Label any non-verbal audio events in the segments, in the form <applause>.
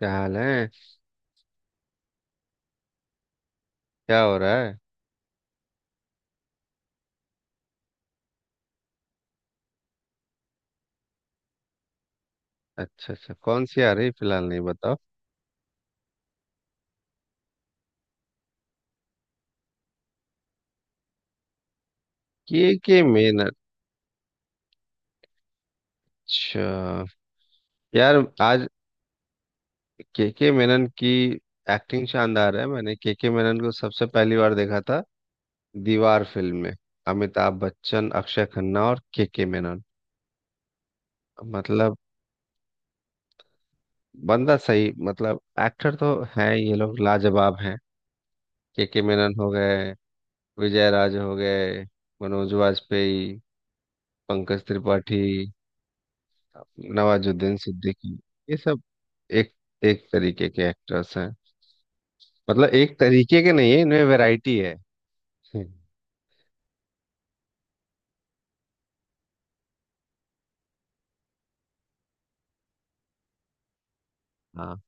क्या हाल है? क्या हो रहा है? अच्छा, अच्छा। कौन सी आ रही फिलहाल, नहीं बताओ? के मेनन। अच्छा। यार, आज के मेनन की एक्टिंग शानदार है। मैंने के मेनन को सबसे पहली बार देखा था दीवार फिल्म में। अमिताभ बच्चन, अक्षय खन्ना और के मेनन। मतलब, बंदा सही। मतलब एक्टर तो है, ये लोग लाजवाब हैं। के मेनन हो गए, विजय राज हो गए, मनोज वाजपेयी, पंकज त्रिपाठी, नवाजुद्दीन सिद्दीकी, ये सब एक एक तरीके के एक्टर्स हैं। मतलब एक तरीके के नहीं है, इनमें वैरायटी है। <laughs> हम्म। हाँ,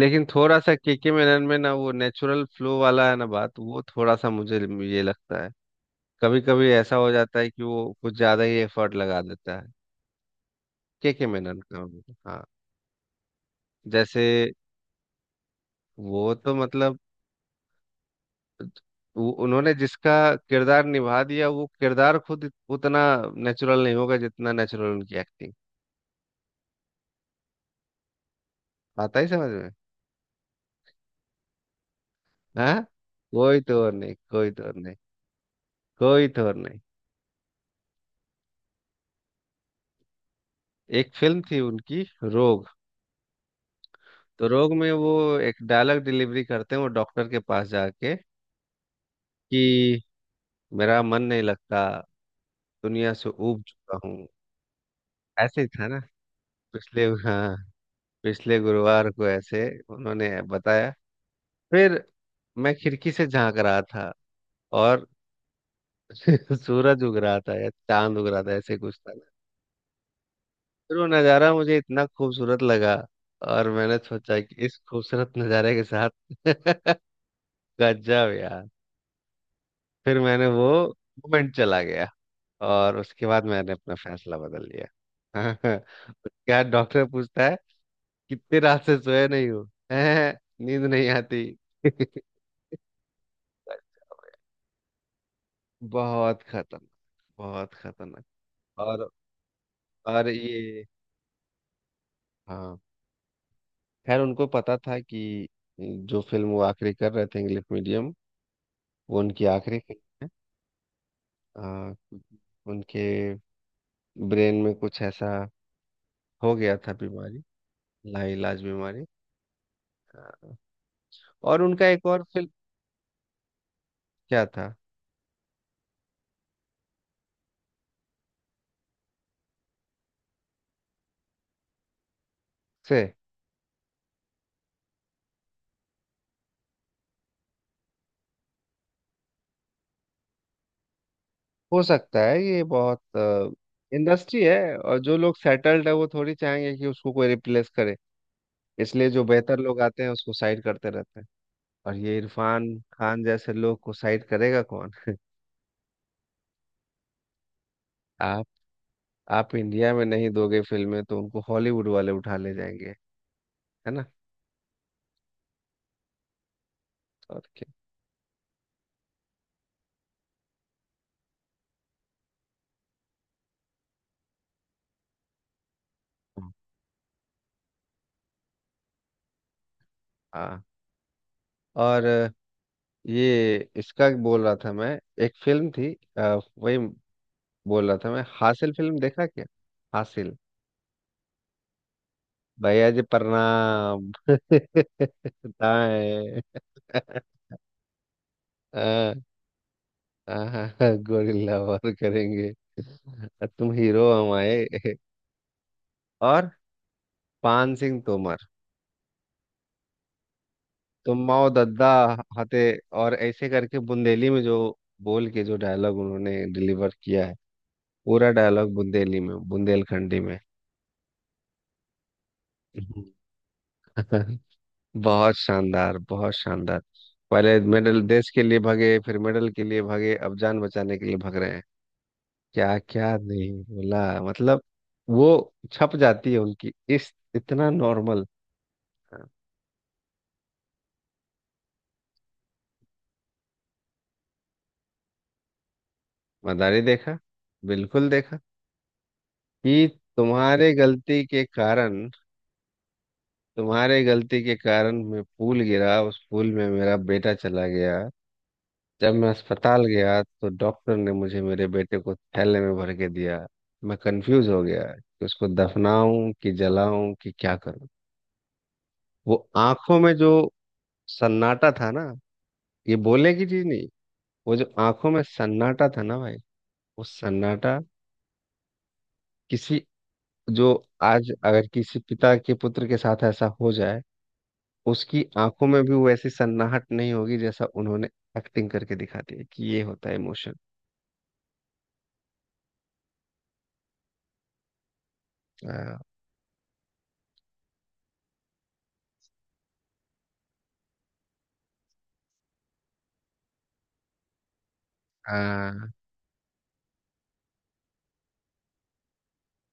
लेकिन थोड़ा सा केके मेनन में ना वो नेचुरल फ्लो वाला है ना बात, वो थोड़ा सा मुझे ये लगता है। कभी कभी ऐसा हो जाता है कि वो कुछ ज्यादा ही एफर्ट लगा देता है केके मेनन का भी। हाँ। जैसे वो तो मतलब उन्होंने जिसका किरदार निभा दिया, वो किरदार खुद उतना नेचुरल नहीं होगा जितना नेचुरल उनकी एक्टिंग आता ही समझ में। हाँ। कोई तो और नहीं, कोई तो और नहीं, कोई तो और नहीं। एक फिल्म थी उनकी रोग। तो रोग में वो एक डायलॉग डिलीवरी करते हैं, वो डॉक्टर के पास जाके कि, मेरा मन नहीं लगता, दुनिया से ऊब चुका हूँ। ऐसे ही था ना? पिछले, हाँ, पिछले गुरुवार को ऐसे उन्होंने बताया। फिर मैं खिड़की से झांक रहा था और <laughs> सूरज उग रहा था या चांद उग रहा था, ऐसे कुछ था। फिर वो नज़ारा मुझे इतना खूबसूरत लगा, और मैंने सोचा कि इस खूबसूरत नज़ारे के साथ। <laughs> गजब यार। फिर मैंने वो मोमेंट चला गया, और उसके बाद मैंने अपना फैसला बदल लिया। <laughs> क्या डॉक्टर पूछता है, कितनी रात से सोए नहीं हो <laughs> हैं? नींद नहीं आती। <laughs> बहुत खतरनाक, बहुत खतरनाक। और और ये, हाँ, खैर उनको पता था कि जो फिल्म वो आखिरी कर रहे थे इंग्लिश मीडियम, वो उनकी आखिरी फिल्म। आ, उनके ब्रेन में कुछ ऐसा हो गया था, बीमारी, लाइलाज बीमारी। आ, और उनका एक और फिल्म क्या था से। हो सकता है, ये बहुत इंडस्ट्री है और जो लोग सेटल्ड है वो थोड़ी चाहेंगे कि उसको कोई रिप्लेस करे, इसलिए जो बेहतर लोग आते हैं उसको साइड करते रहते हैं। और ये इरफान खान जैसे लोग को साइड करेगा कौन? आप आप इंडिया में नहीं दोगे फिल्में तो उनको हॉलीवुड वाले उठा ले जाएंगे। है ना? और क्या। हाँ। और ये इसका बोल रहा था मैं, एक फिल्म थी वही बोल रहा था मैं, हासिल फिल्म देखा क्या? हासिल। भैया जी प्रणाम। <laughs> दाएं। हाँ, हाँ, हाँ, गोरिल्ला वार करेंगे। तुम हीरो हमारे। और पान सिंह तोमर, तुम माओ दद्दा हते, और ऐसे करके बुंदेली में जो बोल के जो डायलॉग उन्होंने डिलीवर किया है। पूरा डायलॉग बुंदेली में, बुंदेलखंडी में। <laughs> बहुत शानदार, बहुत शानदार। पहले मेडल देश के लिए भागे, फिर मेडल के लिए भागे, अब जान बचाने के लिए भाग रहे हैं। क्या क्या नहीं बोला मतलब। वो छप जाती है उनकी, इस इतना नॉर्मल। हाँ, मदारी देखा, बिल्कुल देखा कि, तुम्हारे गलती के कारण, तुम्हारे गलती के कारण, मैं पुल गिरा, उस पुल में मेरा बेटा चला गया। जब मैं अस्पताल गया तो डॉक्टर ने मुझे मेरे बेटे को थैले में भर के दिया। मैं कंफ्यूज हो गया कि उसको दफनाऊं कि जलाऊं कि क्या करूं। वो आंखों में जो सन्नाटा था ना, ये बोलने की चीज नहीं। वो जो आंखों में सन्नाटा था ना भाई, वो सन्नाटा। किसी जो, आज अगर किसी पिता के पुत्र के साथ ऐसा हो जाए, उसकी आंखों में भी वैसी सन्नाहट नहीं होगी जैसा उन्होंने एक्टिंग करके दिखा दी है कि ये होता है इमोशन।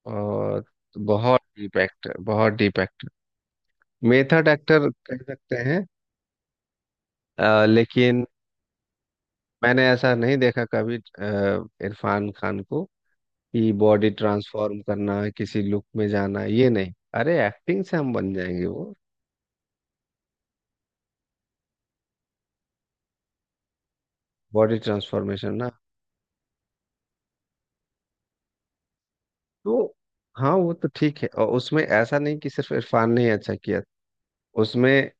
और बहुत डीप एक्टर, बहुत डीप एक्टर, मेथड एक्टर कह सकते हैं। लेकिन मैंने ऐसा नहीं देखा कभी इरफान खान को कि बॉडी ट्रांसफॉर्म करना किसी लुक में जाना, ये नहीं। अरे एक्टिंग से हम बन जाएंगे वो। बॉडी ट्रांसफॉर्मेशन ना, तो। हाँ, वो तो ठीक है, और उसमें ऐसा नहीं कि सिर्फ इरफान ने ही अच्छा किया। उसमें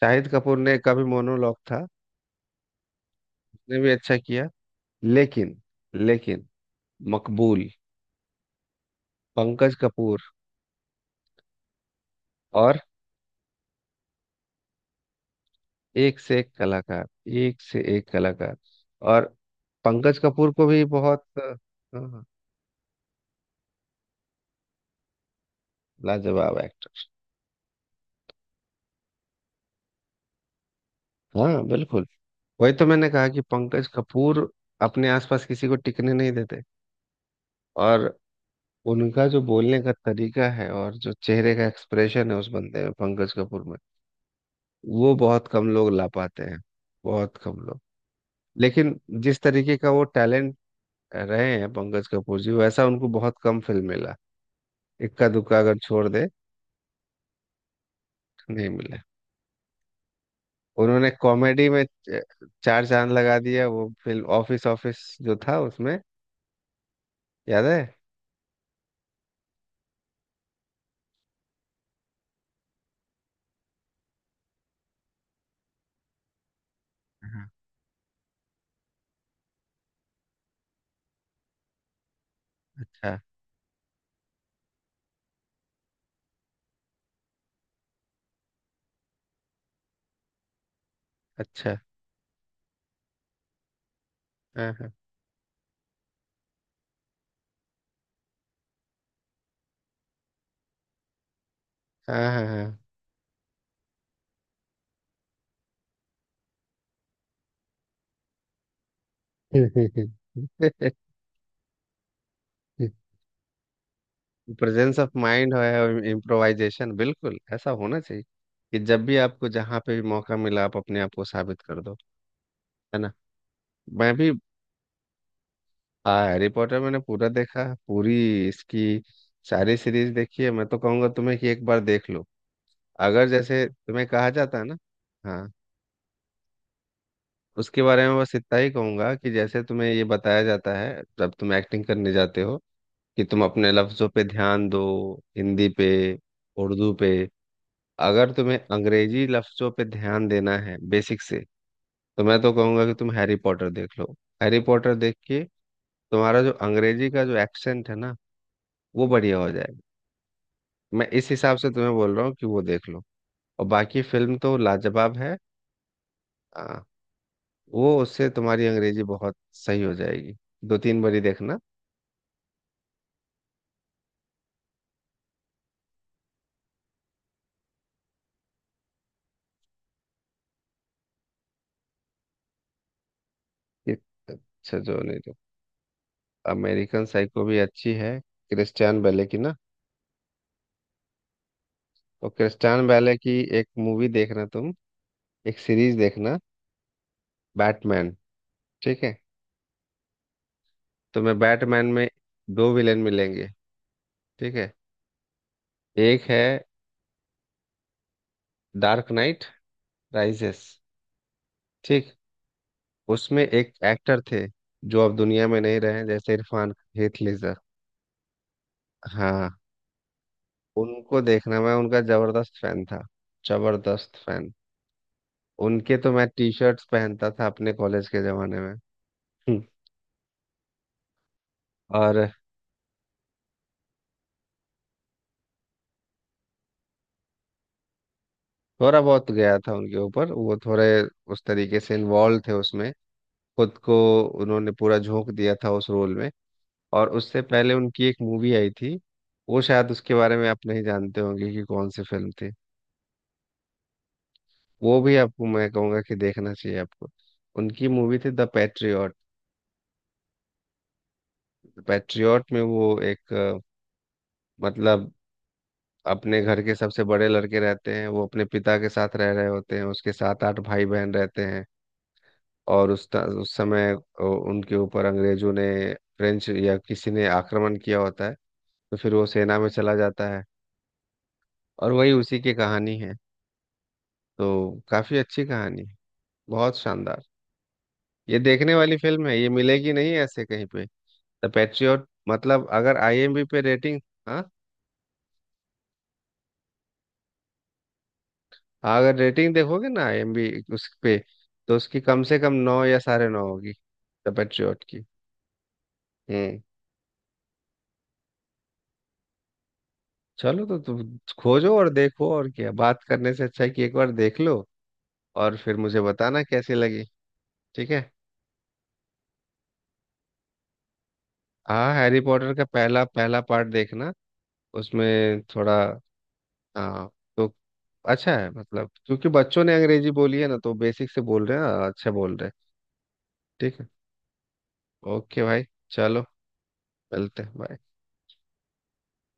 शाहिद कपूर ने का भी मोनोलॉग था। उसने भी अच्छा किया, लेकिन, लेकिन मकबूल, पंकज कपूर। और एक से एक कलाकार, एक से एक कलाकार। और पंकज कपूर को भी बहुत, हाँ, लाजवाब एक्टर। हाँ, बिल्कुल। वही तो मैंने कहा कि पंकज कपूर अपने आसपास किसी को टिकने नहीं देते। और उनका जो बोलने का तरीका है और जो चेहरे का एक्सप्रेशन है उस बंदे में, पंकज कपूर में, वो बहुत कम लोग ला पाते हैं। बहुत कम लोग। लेकिन जिस तरीके का वो टैलेंट रहे हैं पंकज कपूर जी, वैसा उनको बहुत कम फिल्म मिला, इक्का दुक्का अगर छोड़ दे। नहीं मिला। उन्होंने कॉमेडी में चार चांद लगा दिया, वो फिल्म ऑफिस ऑफिस जो था उसमें। याद है? हाँ, अच्छा, अच्छा। हाँ, हाँ, हाँ, हाँ। प्रेजेंस ऑफ माइंड <laughs> है, इम्प्रोवाइजेशन, बिल्कुल ऐसा होना चाहिए कि जब भी आपको जहाँ पे भी मौका मिला, आप अपने आप को साबित कर दो। है ना? मैं भी हैरी पॉटर मैंने पूरा देखा है, पूरी इसकी सारी सीरीज देखी है। मैं तो कहूंगा तुम्हें कि एक बार देख लो। अगर जैसे तुम्हें कहा जाता है ना। हाँ, उसके बारे में बस इतना ही कहूंगा कि जैसे तुम्हें ये बताया जाता है जब तुम एक्टिंग करने जाते हो कि तुम अपने लफ्जों पे ध्यान दो, हिंदी पे, उर्दू पे। अगर तुम्हें अंग्रेजी लफ्जों पे ध्यान देना है बेसिक से, तो मैं तो कहूंगा कि तुम हैरी पॉटर देख लो। हैरी पॉटर देख के तुम्हारा जो अंग्रेजी का जो एक्सेंट है ना, वो बढ़िया हो जाएगा। मैं इस हिसाब से तुम्हें बोल रहा हूँ कि वो देख लो, और बाकी फिल्म तो लाजवाब है। हाँ, वो उससे तुम्हारी अंग्रेजी बहुत सही हो जाएगी। दो तीन बारी देखना। ये- अच्छा जो नहीं तो। अमेरिकन साइको भी अच्छी है। क्रिस्टियन बेले की ना? तो क्रिस्टियन बेले की एक मूवी देखना तुम, एक सीरीज देखना, बैटमैन। ठीक है? तुम्हें बैटमैन में दो विलेन मिलेंगे। ठीक है? एक है डार्क नाइट राइजेस। ठीक। उसमें एक एक्टर थे जो अब दुनिया में नहीं रहे जैसे इरफान, हीथ लेजर। हाँ, उनको देखना। मैं उनका जबरदस्त फैन था, जबरदस्त फैन। उनके तो मैं टी शर्ट्स पहनता था अपने कॉलेज के जमाने में। हम्म। और थोड़ा बहुत गया था उनके ऊपर, वो थोड़े उस तरीके से इन्वॉल्व थे उसमें, खुद को। उन्होंने पूरा झोंक दिया था उस रोल में। और उससे पहले उनकी एक मूवी आई थी, वो शायद उसके बारे में आप नहीं जानते होंगे कि कौन सी फिल्म थी। वो भी आपको मैं कहूँगा कि देखना चाहिए आपको। उनकी मूवी थी द पैट्रियट। पैट्रियट में वो एक, मतलब, अपने घर के सबसे बड़े लड़के रहते हैं। वो अपने पिता के साथ रह रहे होते हैं, उसके सात आठ भाई बहन रहते हैं। और उस उस समय उनके ऊपर अंग्रेजों ने, फ्रेंच या किसी ने आक्रमण किया होता है, तो फिर वो सेना में चला जाता है। और वही उसी की कहानी है। तो काफी अच्छी कहानी है, बहुत शानदार। ये देखने वाली फिल्म है, ये मिलेगी नहीं ऐसे कहीं पे। द पैट्रियट मतलब, अगर आईएमबी पे रेटिंग। हाँ, हाँ, अगर रेटिंग देखोगे ना आईएमबी उस पे, तो उसकी कम से कम नौ या 9.5 होगी, द पैट्रियट की। हम्म। चलो तो तुम खोजो और देखो। और क्या। बात करने से अच्छा है कि एक बार देख लो, और फिर मुझे बताना कैसी लगी। ठीक है। हाँ, हैरी पॉटर का पहला, पहला पार्ट देखना, उसमें थोड़ा, हाँ, तो अच्छा है मतलब, क्योंकि बच्चों ने अंग्रेजी बोली है ना, तो बेसिक से बोल रहे हैं, अच्छा बोल रहे हैं। ठीक है। ओके भाई, चलो, मिलते हैं, बाय।